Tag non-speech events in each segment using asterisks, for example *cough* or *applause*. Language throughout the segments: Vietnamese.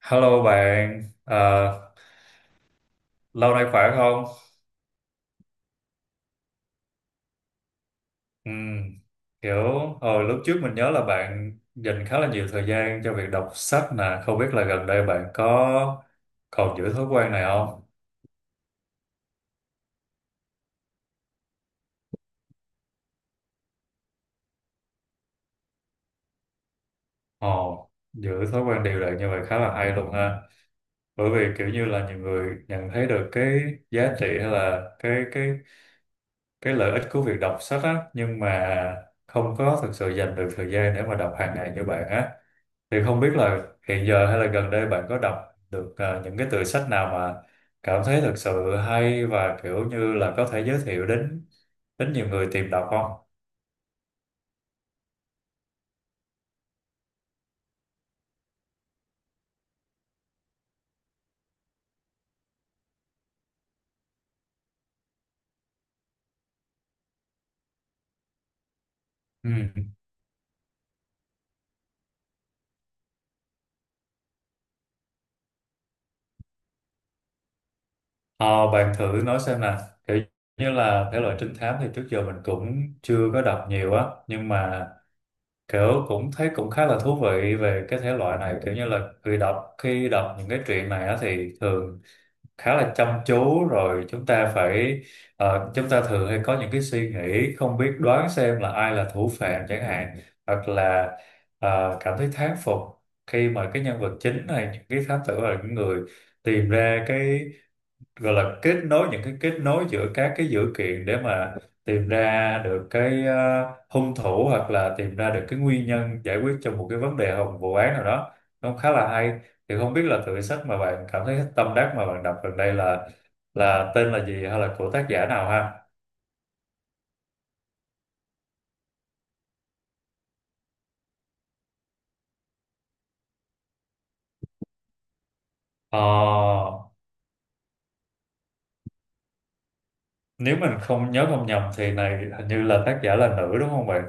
Hello bạn, lâu nay khỏe không? Ừ, kiểu hồi lúc trước mình nhớ là bạn dành khá là nhiều thời gian cho việc đọc sách nè, không biết là gần đây bạn có còn giữ thói quen này không? Ồ, giữ thói quen đều đặn như vậy khá là hay luôn ha, bởi vì kiểu như là nhiều người nhận thấy được cái giá trị hay là cái lợi ích của việc đọc sách á, nhưng mà không có thực sự dành được thời gian để mà đọc hàng ngày như bạn á thì không biết là hiện giờ hay là gần đây bạn có đọc được những cái tựa sách nào mà cảm thấy thực sự hay và kiểu như là có thể giới thiệu đến đến nhiều người tìm đọc không? Ừ. Ờ, bạn thử nói xem nè, kiểu như là thể loại trinh thám thì trước giờ mình cũng chưa có đọc nhiều á, nhưng mà kiểu cũng thấy cũng khá là thú vị về cái thể loại này, kiểu như là khi đọc những cái truyện này á thì thường khá là chăm chú, rồi chúng ta thường hay có những cái suy nghĩ không biết đoán xem là ai là thủ phạm chẳng hạn, hoặc là cảm thấy thán phục khi mà cái nhân vật chính này, những cái thám tử là những người tìm ra cái gọi là kết nối, những cái kết nối giữa các cái dữ kiện để mà tìm ra được cái hung thủ hoặc là tìm ra được cái nguyên nhân, giải quyết cho một cái vấn đề hoặc một vụ án nào đó, nó khá là hay. Thì không biết là tựa sách mà bạn cảm thấy tâm đắc mà bạn đọc gần đây là tên là gì hay là của tác giả nào ha? Ờ, nếu mình không nhớ không nhầm thì này hình như là tác giả là nữ đúng không bạn?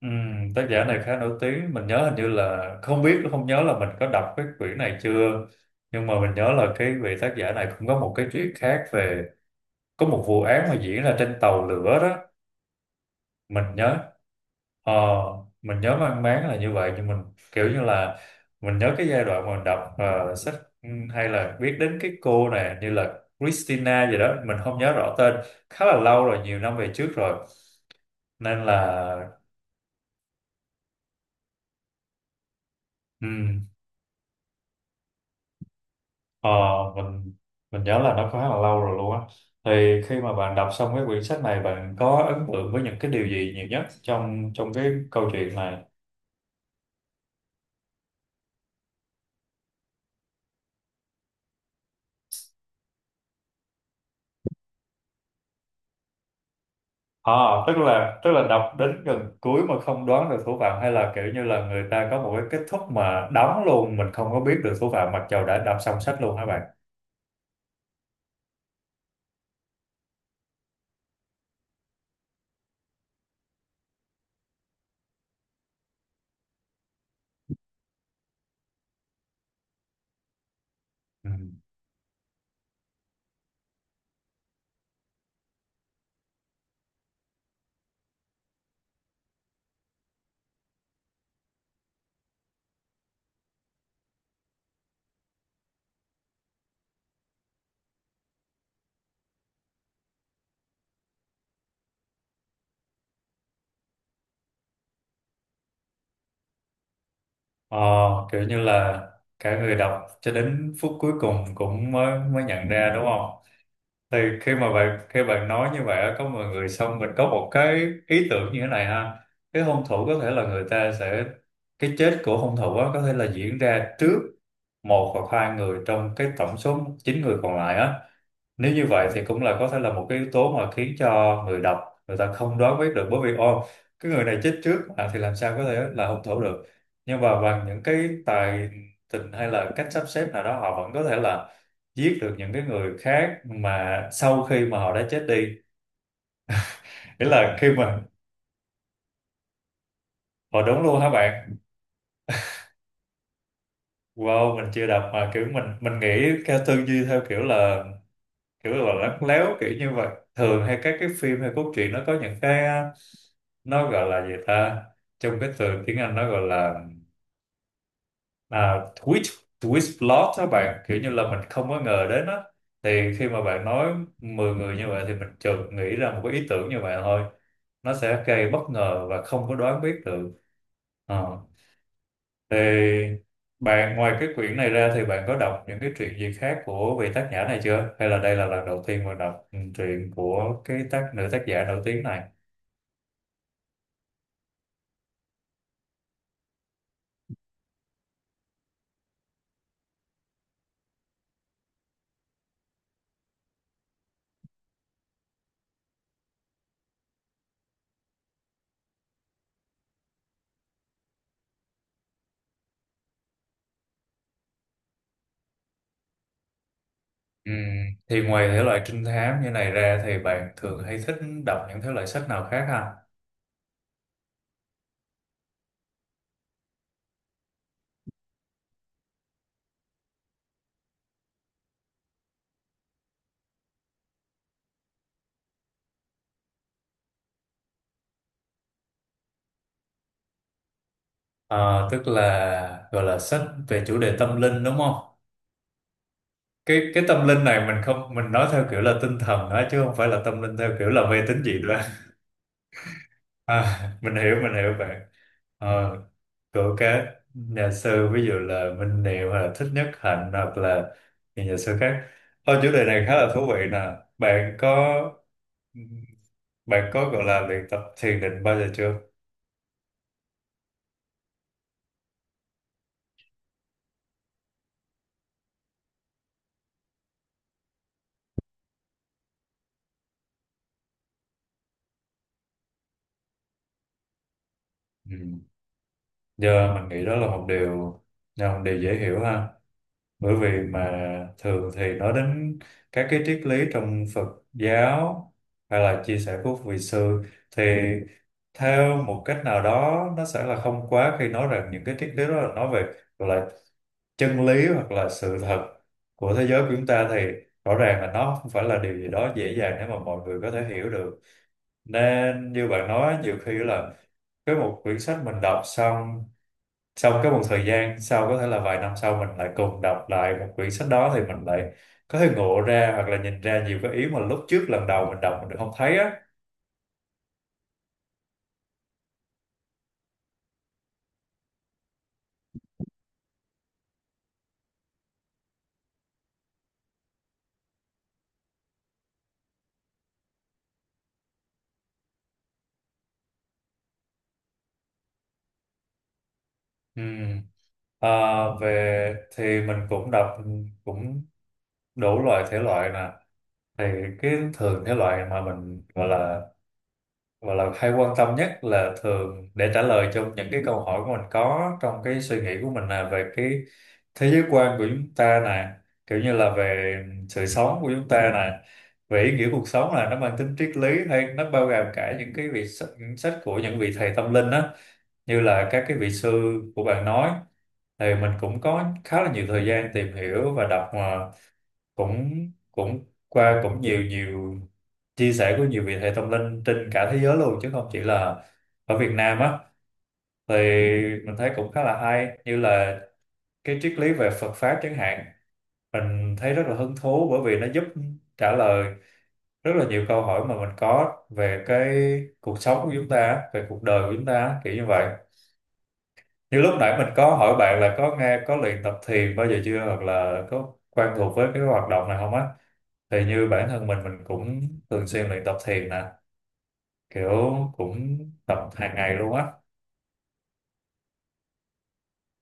Ừ, tác giả này khá nổi tiếng, mình nhớ hình như là không biết, không nhớ là mình có đọc cái quyển này chưa, nhưng mà mình nhớ là cái vị tác giả này cũng có một cái chuyện khác về có một vụ án mà diễn ra trên tàu lửa đó. mình nhớ ờ, mình nhớ mang máng là như vậy, nhưng mình kiểu như là mình nhớ cái giai đoạn mà mình đọc sách, hay là biết đến cái cô này, như là Christina gì đó, mình không nhớ rõ tên, khá là lâu rồi, nhiều năm về trước rồi, nên là ừ, Ờ, mình mình nhớ là nó khá là lâu rồi luôn á. Thì khi mà bạn đọc xong cái quyển sách này, bạn có ấn tượng với những cái điều gì nhiều nhất trong trong cái câu chuyện này? À, tức là đọc đến gần cuối mà không đoán được thủ phạm, hay là kiểu như là người ta có một cái kết thúc mà đóng luôn, mình không có biết được thủ phạm mặc dầu đã đọc xong sách luôn hả bạn? Ừ. Ờ, kiểu như là cả người đọc cho đến phút cuối cùng cũng mới mới nhận ra đúng không? Thì khi mà bạn nói như vậy á, có mọi người xong mình có một cái ý tưởng như thế này ha, cái hung thủ có thể là người ta sẽ, cái chết của hung thủ á, có thể là diễn ra trước một hoặc hai người trong cái tổng số chín người còn lại á. Nếu như vậy thì cũng là có thể là một cái yếu tố mà khiến cho người đọc, người ta không đoán biết được, bởi vì ô, cái người này chết trước mà thì làm sao có thể là hung thủ được, nhưng mà bằng những cái tài tình hay là cách sắp xếp nào đó họ vẫn có thể là giết được những cái người khác mà sau khi mà họ đã chết đi, nghĩa là khi mà họ đúng luôn hả bạn? Wow, mình chưa đọc mà kiểu mình nghĩ theo tư duy theo kiểu là lắt léo kiểu như vậy. Thường hay các cái phim hay cốt truyện nó có những cái, nó gọi là gì ta, trong cái từ tiếng Anh nó gọi là twist twist plot đó bạn, kiểu như là mình không có ngờ đến á. Thì khi mà bạn nói 10 người như vậy thì mình chợt nghĩ ra một cái ý tưởng như vậy thôi, nó sẽ gây bất ngờ và không có đoán biết được. Ờ. Thì bạn ngoài cái quyển này ra thì bạn có đọc những cái truyện gì khác của vị tác giả này chưa, hay là đây là lần đầu tiên mình đọc truyện của cái tác, nữ tác giả nổi tiếng này. Ừ. Thì ngoài thể loại trinh thám như này ra thì bạn thường hay thích đọc những thể loại sách nào khác ha? Ờ, tức là gọi là sách về chủ đề tâm linh đúng không? Cái tâm linh này mình không, mình nói theo kiểu là tinh thần đó, chứ không phải là tâm linh theo kiểu là mê tín dị đoan. *laughs* À, mình hiểu bạn. Ờ, của các nhà sư, ví dụ là Minh Niệm hoặc là Thích Nhất Hạnh hoặc là những nhà sư khác. Ô, chủ đề này khá là thú vị nè. Bạn có bạn có gọi là luyện tập thiền định bao giờ chưa? Ừ. Giờ mình nghĩ đó là một điều dễ hiểu ha. Bởi vì mà thường thì nói đến các cái triết lý trong Phật giáo hay là chia sẻ của vị sư thì theo một cách nào đó nó sẽ là không quá khi nói rằng những cái triết lý đó là nói về, gọi là, chân lý hoặc là sự thật của thế giới của chúng ta, thì rõ ràng là nó không phải là điều gì đó dễ dàng để mà mọi người có thể hiểu được. Nên như bạn nói, nhiều khi là cái một quyển sách mình đọc xong, sau cái một thời gian sau có thể là vài năm sau mình lại cùng đọc lại một quyển sách đó, thì mình lại có thể ngộ ra hoặc là nhìn ra nhiều cái ý mà lúc trước lần đầu mình đọc mình được không thấy á. Ừ. à, về thì mình cũng đọc cũng đủ loại thể loại nè, thì cái thường thể loại mà mình gọi là và là hay quan tâm nhất là thường để trả lời trong những cái câu hỏi của mình, có trong cái suy nghĩ của mình là về cái thế giới quan của chúng ta nè, kiểu như là về sự sống của chúng ta nè, về ý nghĩa cuộc sống, là nó mang tính triết lý hay nó bao gồm cả những cái vị sách, những sách của những vị thầy tâm linh á, như là các cái vị sư của bạn nói. Thì mình cũng có khá là nhiều thời gian tìm hiểu và đọc cũng cũng qua cũng nhiều nhiều chia sẻ của nhiều vị thầy tâm linh trên cả thế giới luôn, chứ không chỉ là ở Việt Nam á. Thì mình thấy cũng khá là hay, như là cái triết lý về Phật pháp chẳng hạn, mình thấy rất là hứng thú, bởi vì nó giúp trả lời rất là nhiều câu hỏi mà mình có về cái cuộc sống của chúng ta á, về cuộc đời của chúng ta á, kiểu như vậy. Như lúc nãy mình có hỏi bạn là có nghe, có luyện tập thiền bao giờ chưa, hoặc là có quen thuộc với cái hoạt động này không á, thì như bản thân mình cũng thường xuyên luyện tập thiền nè, kiểu cũng tập hàng ngày luôn á.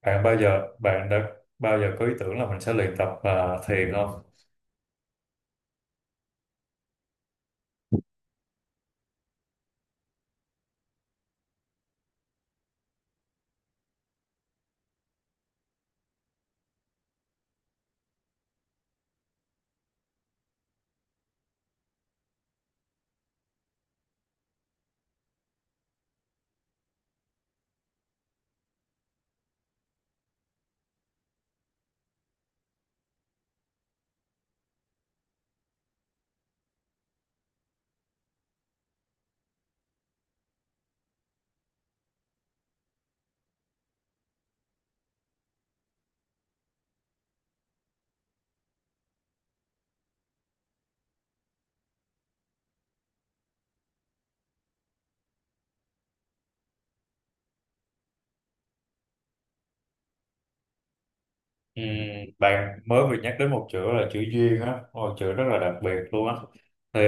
Bạn đã bao giờ có ý tưởng là mình sẽ luyện tập thiền không? Ừm, bạn mới vừa nhắc đến một chữ là chữ duyên á, một chữ rất là đặc biệt luôn á. Thì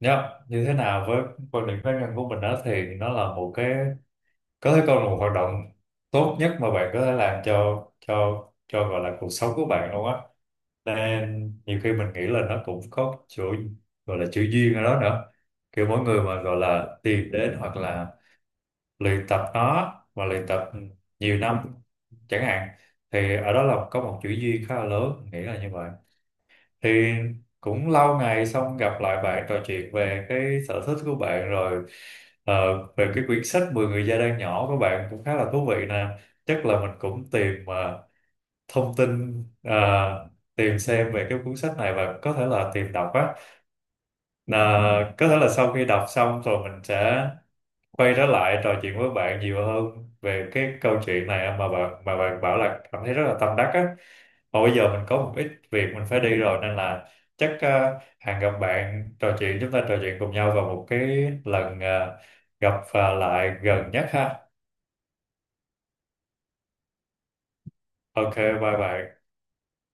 nhá, như thế nào với quan điểm cá nhân của mình đó, thì nó là một cái có thể coi là một hoạt động tốt nhất mà bạn có thể làm cho gọi là cuộc sống của bạn luôn á. Nên nhiều khi mình nghĩ là nó cũng có chỗ gọi là chữ duyên ở đó nữa, kiểu mỗi người mà gọi là tìm đến hoặc là luyện tập nó, và luyện tập nhiều năm chẳng hạn, thì ở đó là có một chữ duyên khá là lớn, mình nghĩ là như vậy. Thì cũng lâu ngày xong gặp lại bạn, trò chuyện về cái sở thích của bạn rồi, ờ, về cái quyển sách 10 người gia đang nhỏ của bạn cũng khá là thú vị nè. Chắc là mình cũng tìm thông tin, tìm xem về cái cuốn sách này và có thể là tìm đọc á. Là có thể là sau khi đọc xong rồi mình sẽ quay trở lại trò chuyện với bạn nhiều hơn về cái câu chuyện này mà bạn bảo là cảm thấy rất là tâm đắc á. Mà bây giờ mình có một ít việc mình phải đi rồi, nên là chắc hẹn gặp bạn trò chuyện chúng ta trò chuyện cùng nhau vào một cái lần gặp lại gần nhất ha. Ok, bye bye.